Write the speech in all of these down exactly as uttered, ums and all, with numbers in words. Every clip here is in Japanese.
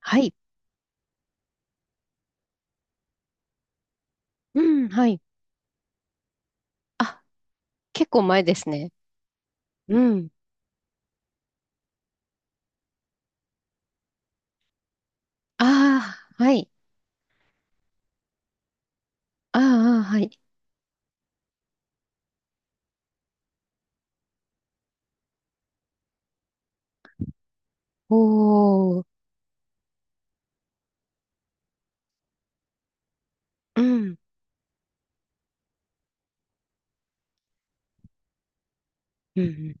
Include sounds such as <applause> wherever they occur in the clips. はい。うん、はい。あ、結構前ですね。うん。ああ、はい。あーあー、はい。おー。うん。うんうん。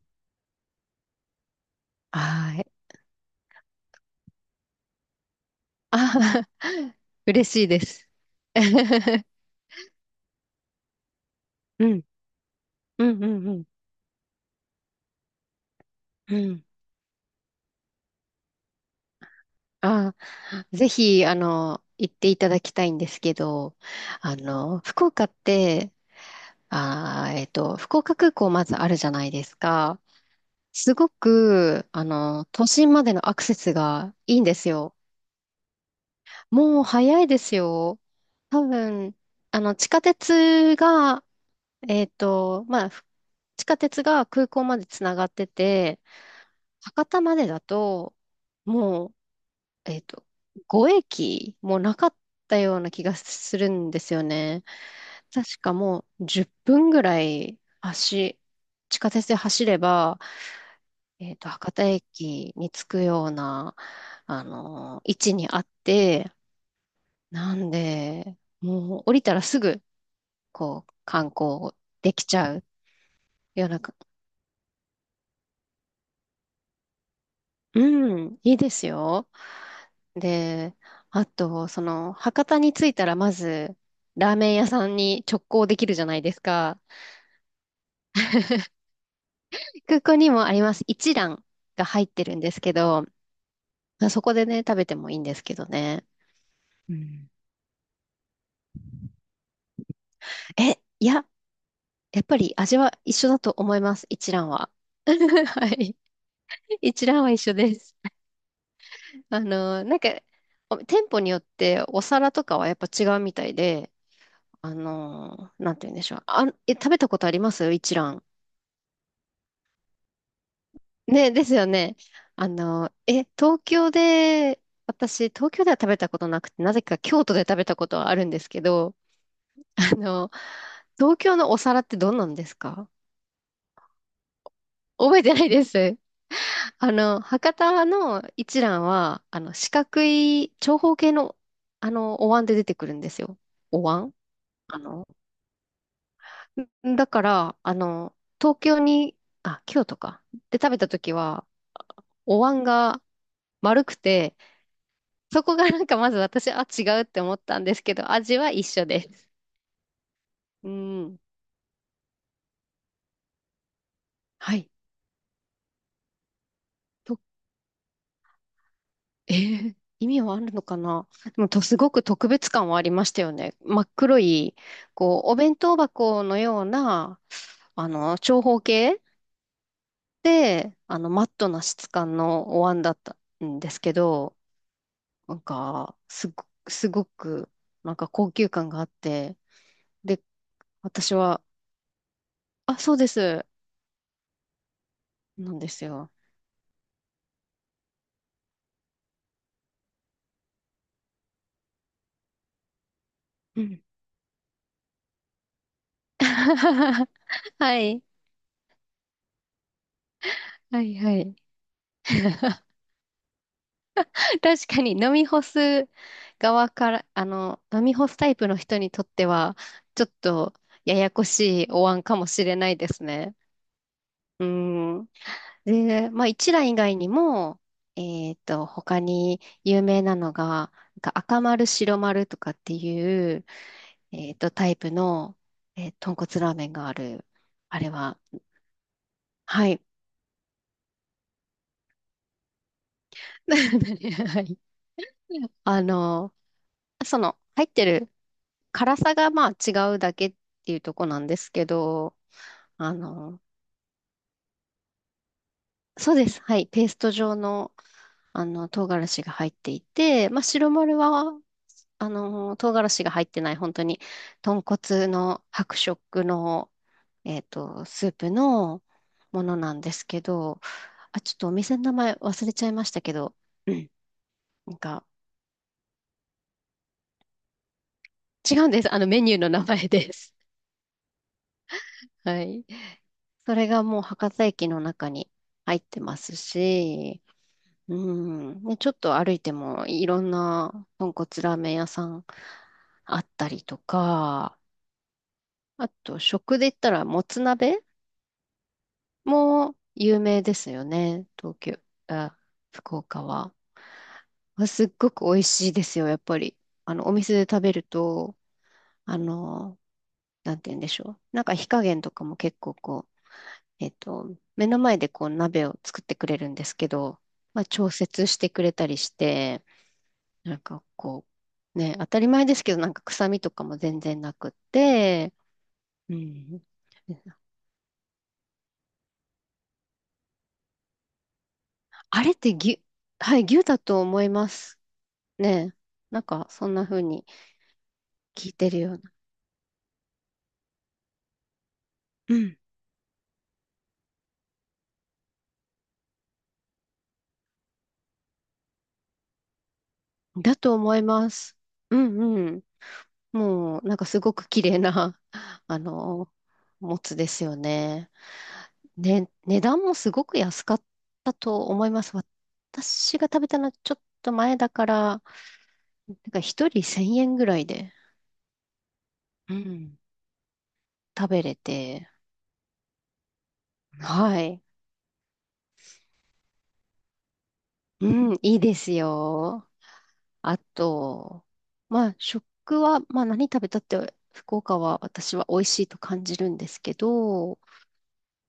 はーい。ああ、<laughs> 嬉しいです。<laughs> うん。うん、うん、うん。うん。ああ、ぜひ、あの、行っていただきたいんですけど、あの、福岡って、ああ、えっと、福岡空港まずあるじゃないですか。すごく、あの、都心までのアクセスがいいんですよ。もう早いですよ。多分、あの、地下鉄が、えっと、まあ、ふ地下鉄が空港までつながってて、博多までだと、もう、えっと、ご駅もなかったような気がするんですよね。確かもうじゅっぷんぐらい走、地下鉄で走れば、えっと、博多駅に着くような、あの、位置にあって、なんで、もう降りたらすぐ、こう、観光できちゃうようなか、うん、いいですよ。で、あと、その、博多に着いたらまず、ラーメン屋さんに直行できるじゃないですか。空港にもあります。一蘭が入ってるんですけど、そこでね、食べてもいいんですけどね。うん、え、いや、やっぱり味は一緒だと思います。一蘭は。<laughs> はい。一蘭は一緒です。あの、なんか、お店舗によってお皿とかはやっぱ違うみたいで、あの、なんて言うんでしょう。あ、え、食べたことあります一蘭。ね、ですよね。あの、え、東京で、私、東京では食べたことなくて、なぜか京都で食べたことはあるんですけど、<laughs> あの、東京のお皿ってどんなんですか？覚えてないです。<laughs> あの、博多の一蘭は、あの、四角い長方形の、あの、お椀で出てくるんですよ。お椀、あの、だから、あの、東京に、あ、京都か。で食べた時は、お椀が丸くて、そこがなんかまず私、あ、違うって思ったんですけど、味は一緒です。うん。はい。と、えー意味はあるのかな。でもと、すごく特別感はありましたよね。真っ黒い、こう、お弁当箱のような、あの、長方形で、あの、マットな質感のお椀だったんですけど、なんか、すご、すごく、なんか高級感があって、で、私は、あ、そうです、なんですよ。うん。<laughs> はい、はい、はい。<laughs> 確かに飲み干す側から、あの、飲み干すタイプの人にとっては、ちょっとややこしいお椀かもしれないですね。うん。で、まあ、一蘭以外にも、えっと、他に有名なのが、なんか赤丸、白丸とかっていう、えっと、タイプの、えー豚骨ラーメンがある。あれは、はい。<laughs> はい。あの、その、入ってる辛さがまあ違うだけっていうとこなんですけど、あの、そうです。はい。ペースト状のあの、唐辛子が入っていて、まあ、白丸は、あの、唐辛子が入ってない、本当に、豚骨の白色の、えっと、スープのものなんですけど、あ、ちょっとお店の名前忘れちゃいましたけど、うん、なんか、違うんです。あの、メニューの名前です。<laughs> はい。それがもう博多駅の中に入ってますし、うん、ね、ちょっと歩いてもいろんな豚骨ラーメン屋さんあったりとか、あと、食で言ったら、もつ鍋も有名ですよね。東京、あ、福岡は。あすっごく美味しいですよ、やっぱり。あの、お店で食べると、あの、なんて言うんでしょう。なんか火加減とかも結構こう、えっと、目の前でこう鍋を作ってくれるんですけど、まあ、調節してくれたりして、なんかこう、ね、当たり前ですけど、なんか臭みとかも全然なくって、うん。あれって牛、はい、牛だと思いますね。なんか、そんな風に聞いてるような。うん。だと思います。うんうん。もう、なんかすごく綺麗な、<laughs> あの、もつですよね。ね、値段もすごく安かったと思います。私が食べたのはちょっと前だから、なんか一人せんえんぐらいで、うん、食べれて、はい。うん、いいですよ。あと、まあ、食は、まあ、何食べたって、福岡は私は美味しいと感じるんですけど、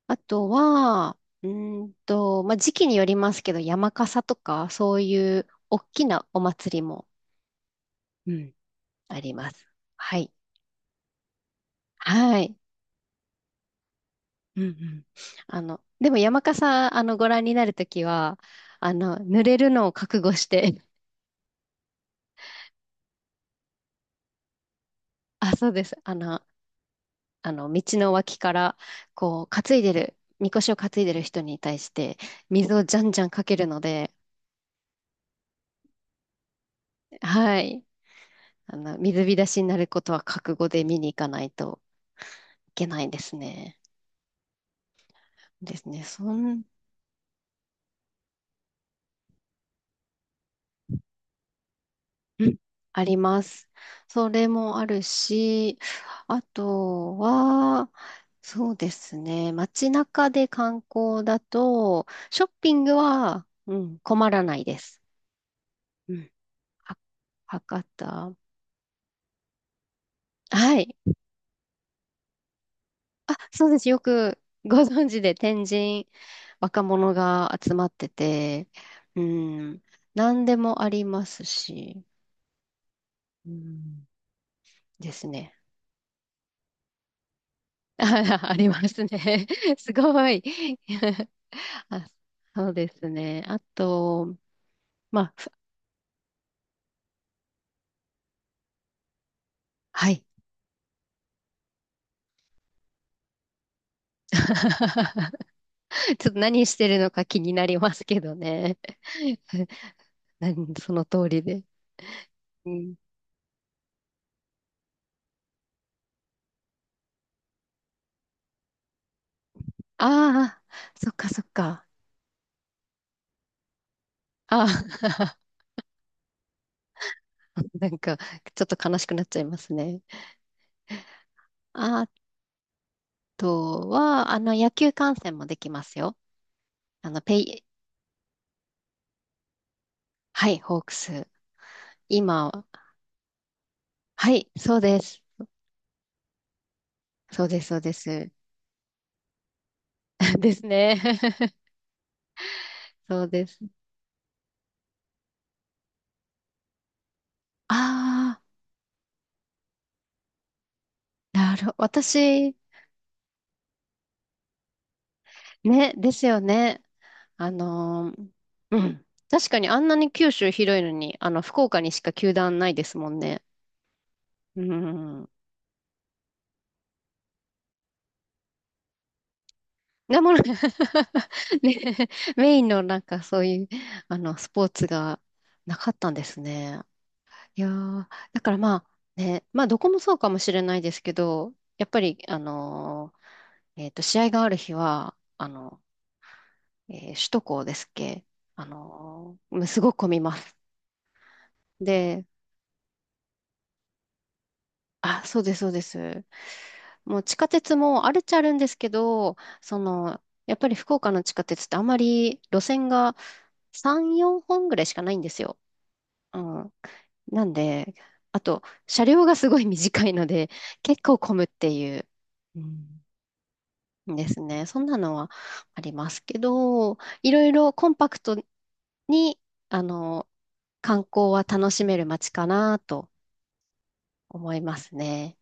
あとは、うーんと、まあ、時期によりますけど、山笠とか、そういう大きなお祭りも、うん。あります。はい。はい。うんうん。あの、でも山笠、あの、ご覧になるときは、あの、濡れるのを覚悟して、<laughs> あ、そうです。あの、あの、道の脇から、こう、担いでる、みこしを担いでる人に対して、水をじゃんじゃんかけるので、はい。あの、水浸しになることは覚悟で見に行かないといけないですね。ですね。そん、うん、あります。それもあるし、あとは、そうですね。街中で観光だと、ショッピングは、うん、困らないです。うん。は博多。はい。あ、そうです。よくご存知で天神、若者が集まってて、うん、何でもありますし、うん、ですね。<laughs> あ、ありますね。<laughs> すごい。<laughs> あ、そうですね。あと、まあ、ふはい。<laughs> ちょっと何してるのか気になりますけどね。<laughs> 何その通りで。うん、ああ、そっかそっか。ああ、 <laughs> なんか、ちょっと悲しくなっちゃいますね。あとは、あの、野球観戦もできますよ。あの、ペイ、はい、ホークス。今、はい、そうです。そうです、そうです。<laughs> ですね。<laughs> そうです。ああ、なるほど。私、ね、ですよね。あのー、うん。確かにあんなに九州広いのに、あの、福岡にしか球団ないですもんね。うん。なもの、<laughs> ね、メインのなんかそういう、あの、スポーツがなかったんですね。いやー、だからまあ、ね、まあどこもそうかもしれないですけど、やっぱり、あのーえっと、試合がある日は、あの、えー首都高ですっけ、あのー、もうすごく混みます。で、あ、そうです、そうです。もう地下鉄もあるっちゃあるんですけど、その、やっぱり福岡の地下鉄ってあまり路線がさん、よんほんぐらいしかないんですよ。うん。なんで、あと、車両がすごい短いので、<laughs> 結構混むっていう。うん、ですね。そんなのはありますけど、いろいろコンパクトに、あの、観光は楽しめる街かなと思いますね。